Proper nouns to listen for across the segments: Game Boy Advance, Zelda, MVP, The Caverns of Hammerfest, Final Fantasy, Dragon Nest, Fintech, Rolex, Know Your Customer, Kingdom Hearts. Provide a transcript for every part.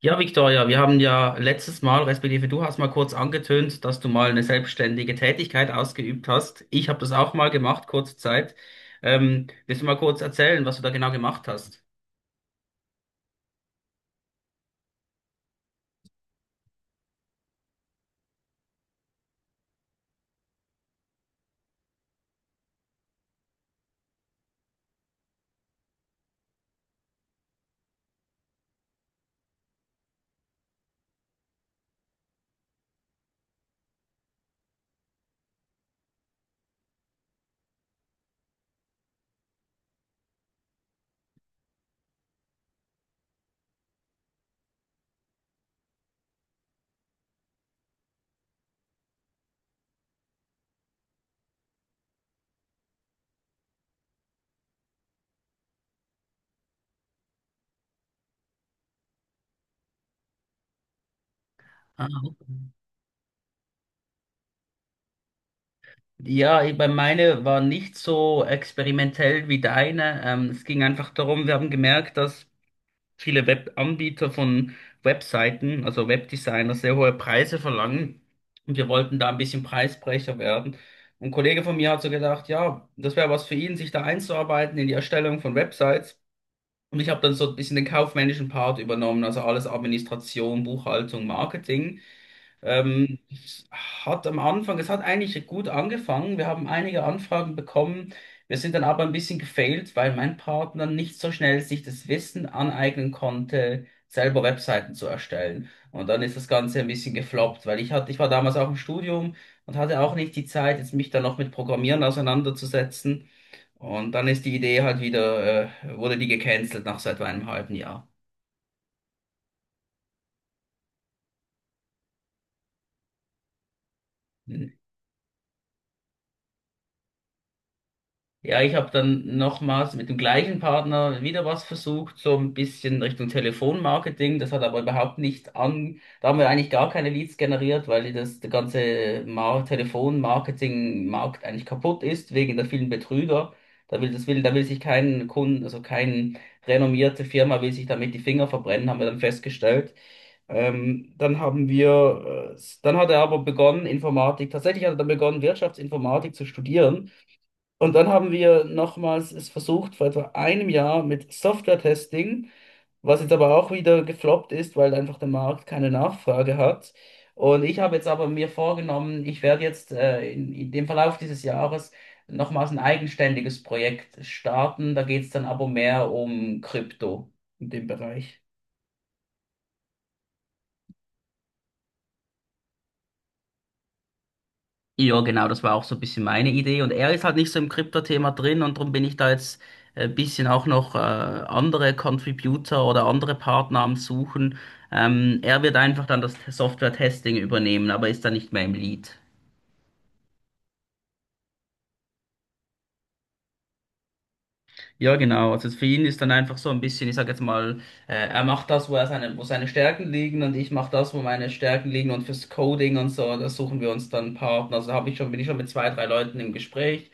Ja, Victoria, wir haben ja letztes Mal, respektive du hast mal kurz angetönt, dass du mal eine selbstständige Tätigkeit ausgeübt hast. Ich habe das auch mal gemacht, kurze Zeit. Willst du mal kurz erzählen, was du da genau gemacht hast? Ah, okay. Ja, bei meine war nicht so experimentell wie deine. Es ging einfach darum, wir haben gemerkt, dass viele Webanbieter von Webseiten, also Webdesigner, sehr hohe Preise verlangen. Und wir wollten da ein bisschen Preisbrecher werden. Und ein Kollege von mir hat so gedacht, ja, das wäre was für ihn, sich da einzuarbeiten in die Erstellung von Websites. Und ich habe dann so ein bisschen den kaufmännischen Part übernommen, also alles Administration, Buchhaltung, Marketing. Es hat am Anfang, es hat eigentlich gut angefangen. Wir haben einige Anfragen bekommen. Wir sind dann aber ein bisschen gefailt, weil mein Partner nicht so schnell sich das Wissen aneignen konnte, selber Webseiten zu erstellen. Und dann ist das Ganze ein bisschen gefloppt, weil ich hatte, ich war damals auch im Studium und hatte auch nicht die Zeit, jetzt mich dann noch mit Programmieren auseinanderzusetzen. Und dann ist die Idee halt wieder, wurde die gecancelt nach so etwa einem halben Jahr. Ja, ich habe dann nochmals mit dem gleichen Partner wieder was versucht, so ein bisschen Richtung Telefonmarketing. Das hat aber überhaupt nicht an. Da haben wir eigentlich gar keine Leads generiert, weil das, der ganze Mar Telefonmarketing-Markt eigentlich kaputt ist wegen der vielen Betrüger. Da will sich kein Kunden, also kein renommierte Firma will sich damit die Finger verbrennen, haben wir dann festgestellt. Dann haben wir, dann hat er aber begonnen, tatsächlich hat er dann begonnen, Wirtschaftsinformatik zu studieren. Und dann haben wir nochmals es versucht, vor etwa einem Jahr mit Software-Testing, was jetzt aber auch wieder gefloppt ist, weil einfach der Markt keine Nachfrage hat. Und ich habe jetzt aber mir vorgenommen, ich werde jetzt in dem Verlauf dieses Jahres nochmals ein eigenständiges Projekt starten. Da geht es dann aber mehr um Krypto in dem Bereich. Ja, genau, das war auch so ein bisschen meine Idee. Und er ist halt nicht so im Krypto-Thema drin und darum bin ich da jetzt ein bisschen auch noch andere Contributor oder andere Partner am Suchen. Er wird einfach dann das Software-Testing übernehmen, aber ist da nicht mehr im Lead. Ja, genau. Also für ihn ist dann einfach so ein bisschen, ich sag jetzt mal, er macht das, wo er seine, wo seine Stärken liegen und ich mache das, wo meine Stärken liegen und fürs Coding und so, da suchen wir uns dann einen Partner. Also habe ich schon, bin ich schon mit zwei, drei Leuten im Gespräch,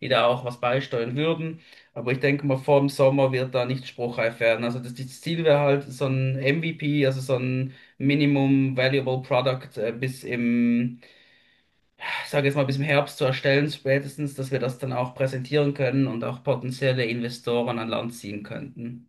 die da auch was beisteuern würden. Aber ich denke mal, vor dem Sommer wird da nicht spruchreif werden. Also das, das Ziel wäre halt so ein MVP, also so ein Minimum Valuable Product, bis im ich sage jetzt mal, bis im Herbst zu erstellen, spätestens, dass wir das dann auch präsentieren können und auch potenzielle Investoren an Land ziehen könnten.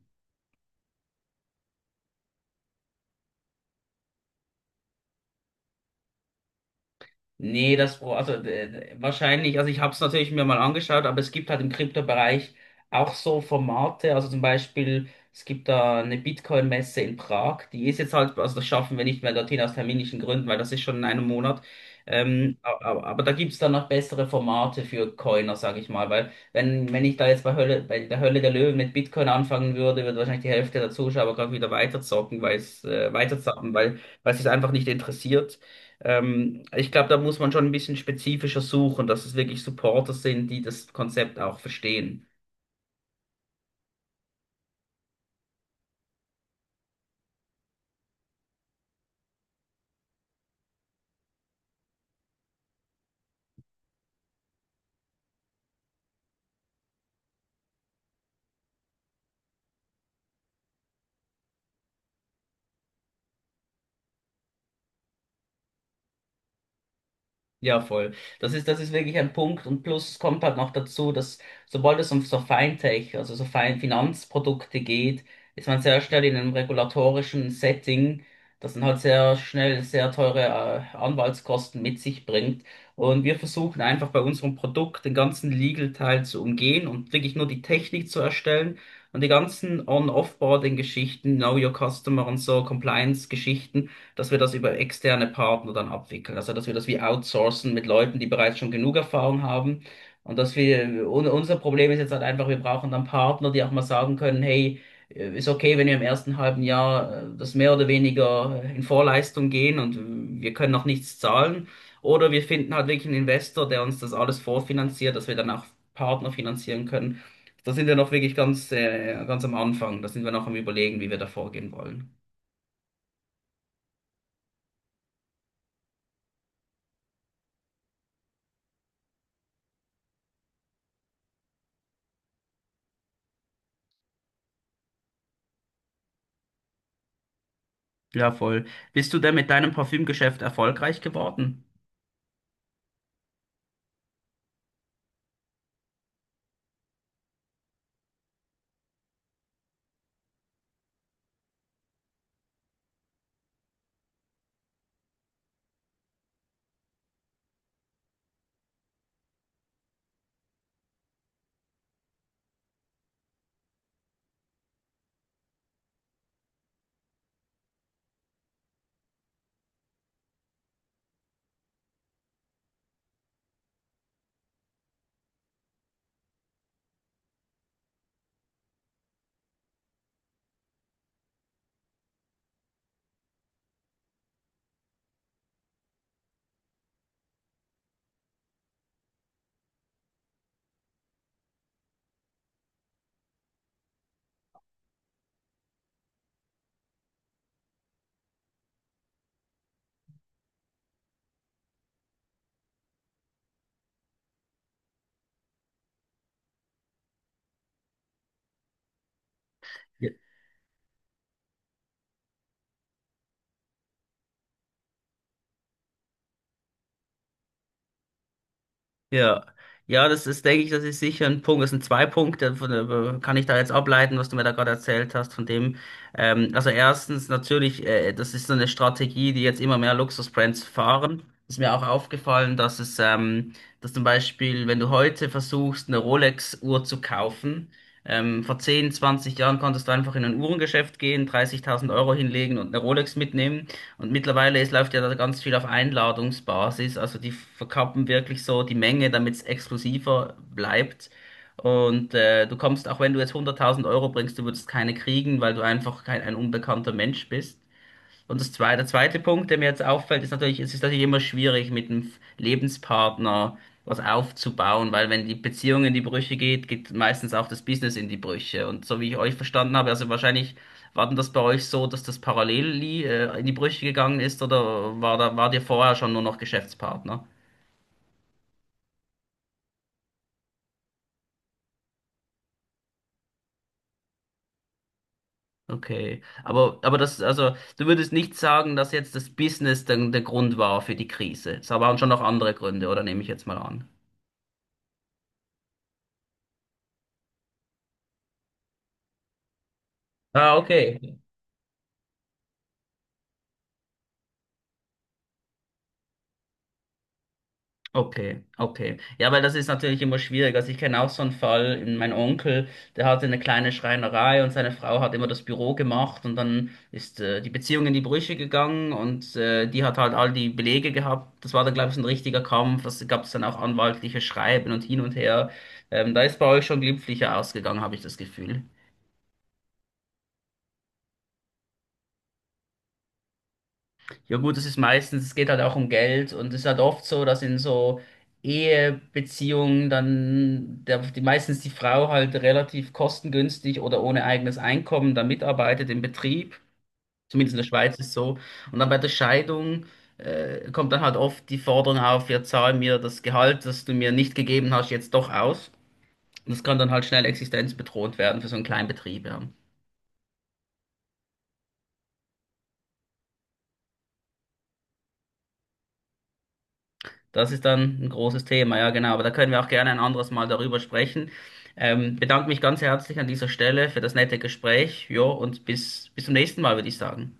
Nee, das, Pro- also wahrscheinlich, also ich habe es natürlich mir mal angeschaut, aber es gibt halt im Kryptobereich auch so Formate, also zum Beispiel, es gibt da eine Bitcoin-Messe in Prag, die ist jetzt halt, also das schaffen wir nicht mehr dorthin aus terminischen Gründen, weil das ist schon in einem Monat. Aber aber da gibt's dann noch bessere Formate für Coiner, sage ich mal, weil wenn ich da jetzt bei Hölle, bei der Hölle der Löwen mit Bitcoin anfangen würde, würde wahrscheinlich die Hälfte der Zuschauer gerade wieder weiterzocken, weiterzocken, weil es sich einfach nicht interessiert. Ich glaube, da muss man schon ein bisschen spezifischer suchen, dass es wirklich Supporter sind, die das Konzept auch verstehen. Ja, voll. Das ist wirklich ein Punkt. Und plus kommt halt noch dazu, dass sobald es um so Fintech, also so Finanzprodukte geht, ist man sehr schnell in einem regulatorischen Setting, das dann halt sehr schnell sehr teure Anwaltskosten mit sich bringt. Und wir versuchen einfach bei unserem Produkt den ganzen Legal-Teil zu umgehen und wirklich nur die Technik zu erstellen und die ganzen On-Offboarding-Geschichten, Know Your Customer und so, Compliance-Geschichten, dass wir das über externe Partner dann abwickeln. Also, dass wir das wie outsourcen mit Leuten, die bereits schon genug Erfahrung haben. Und dass wir, unser Problem ist jetzt halt einfach, wir brauchen dann Partner, die auch mal sagen können, hey, ist okay, wenn wir im ersten halben Jahr das mehr oder weniger in Vorleistung gehen und wir können noch nichts zahlen. Oder wir finden halt wirklich einen Investor, der uns das alles vorfinanziert, dass wir dann auch Partner finanzieren können. Da sind wir noch wirklich ganz am Anfang. Da sind wir noch am Überlegen, wie wir da vorgehen wollen. Ja, voll. Bist du denn mit deinem Parfümgeschäft erfolgreich geworden? Ja. Ja, ja, denke ich, das ist sicher ein Punkt. Das sind zwei Punkte, kann ich da jetzt ableiten, was du mir da gerade erzählt hast, von dem. Also erstens natürlich, das ist so eine Strategie, die jetzt immer mehr Luxusbrands fahren. Ist mir auch aufgefallen, dass zum Beispiel, wenn du heute versuchst, eine Rolex-Uhr zu kaufen, vor 10, 20 Jahren konntest du einfach in ein Uhrengeschäft gehen, 30.000 Euro hinlegen und eine Rolex mitnehmen. Und mittlerweile, es läuft ja da ganz viel auf Einladungsbasis. Also die verkappen wirklich so die Menge, damit es exklusiver bleibt. Und du kommst, auch wenn du jetzt 100.000 Euro bringst, du würdest keine kriegen, weil du einfach kein ein unbekannter Mensch bist. Und der zweite Punkt, der mir jetzt auffällt, ist natürlich, es ist natürlich immer schwierig, mit dem Lebenspartner was aufzubauen, weil wenn die Beziehung in die Brüche geht, geht meistens auch das Business in die Brüche. Und so wie ich euch verstanden habe, also wahrscheinlich war denn das bei euch so, dass das in die Brüche gegangen ist, oder war da, war dir vorher schon nur noch Geschäftspartner? Okay. Aber das, also, du würdest nicht sagen, dass jetzt das Business dann der Grund war für die Krise. Es waren schon noch andere Gründe, oder nehme ich jetzt mal an? Ah, okay. Okay, okay. Ja, weil das ist natürlich immer schwierig. Also ich kenne auch so einen Fall, mein Onkel, der hatte eine kleine Schreinerei und seine Frau hat immer das Büro gemacht und dann ist die Beziehung in die Brüche gegangen und die hat halt all die Belege gehabt. Das war dann, glaube ich, so ein richtiger Kampf. Das gab es dann auch anwaltliche Schreiben und hin und her. Da ist bei euch schon glimpflicher ausgegangen, habe ich das Gefühl. Ja gut, das ist meistens, es geht halt auch um Geld und es ist halt oft so, dass in so Ehebeziehungen dann meistens die Frau halt relativ kostengünstig oder ohne eigenes Einkommen dann mitarbeitet im Betrieb, zumindest in der Schweiz ist so. Und dann bei der Scheidung kommt dann halt oft die Forderung auf, ja zahl mir das Gehalt, das du mir nicht gegeben hast, jetzt doch aus. Und das kann dann halt schnell existenzbedrohend werden für so einen kleinen Betrieb, ja. Das ist dann ein großes Thema, ja genau. Aber da können wir auch gerne ein anderes Mal darüber sprechen. Bedanke mich ganz herzlich an dieser Stelle für das nette Gespräch. Jo, und bis zum nächsten Mal, würde ich sagen.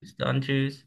Bis dann, tschüss.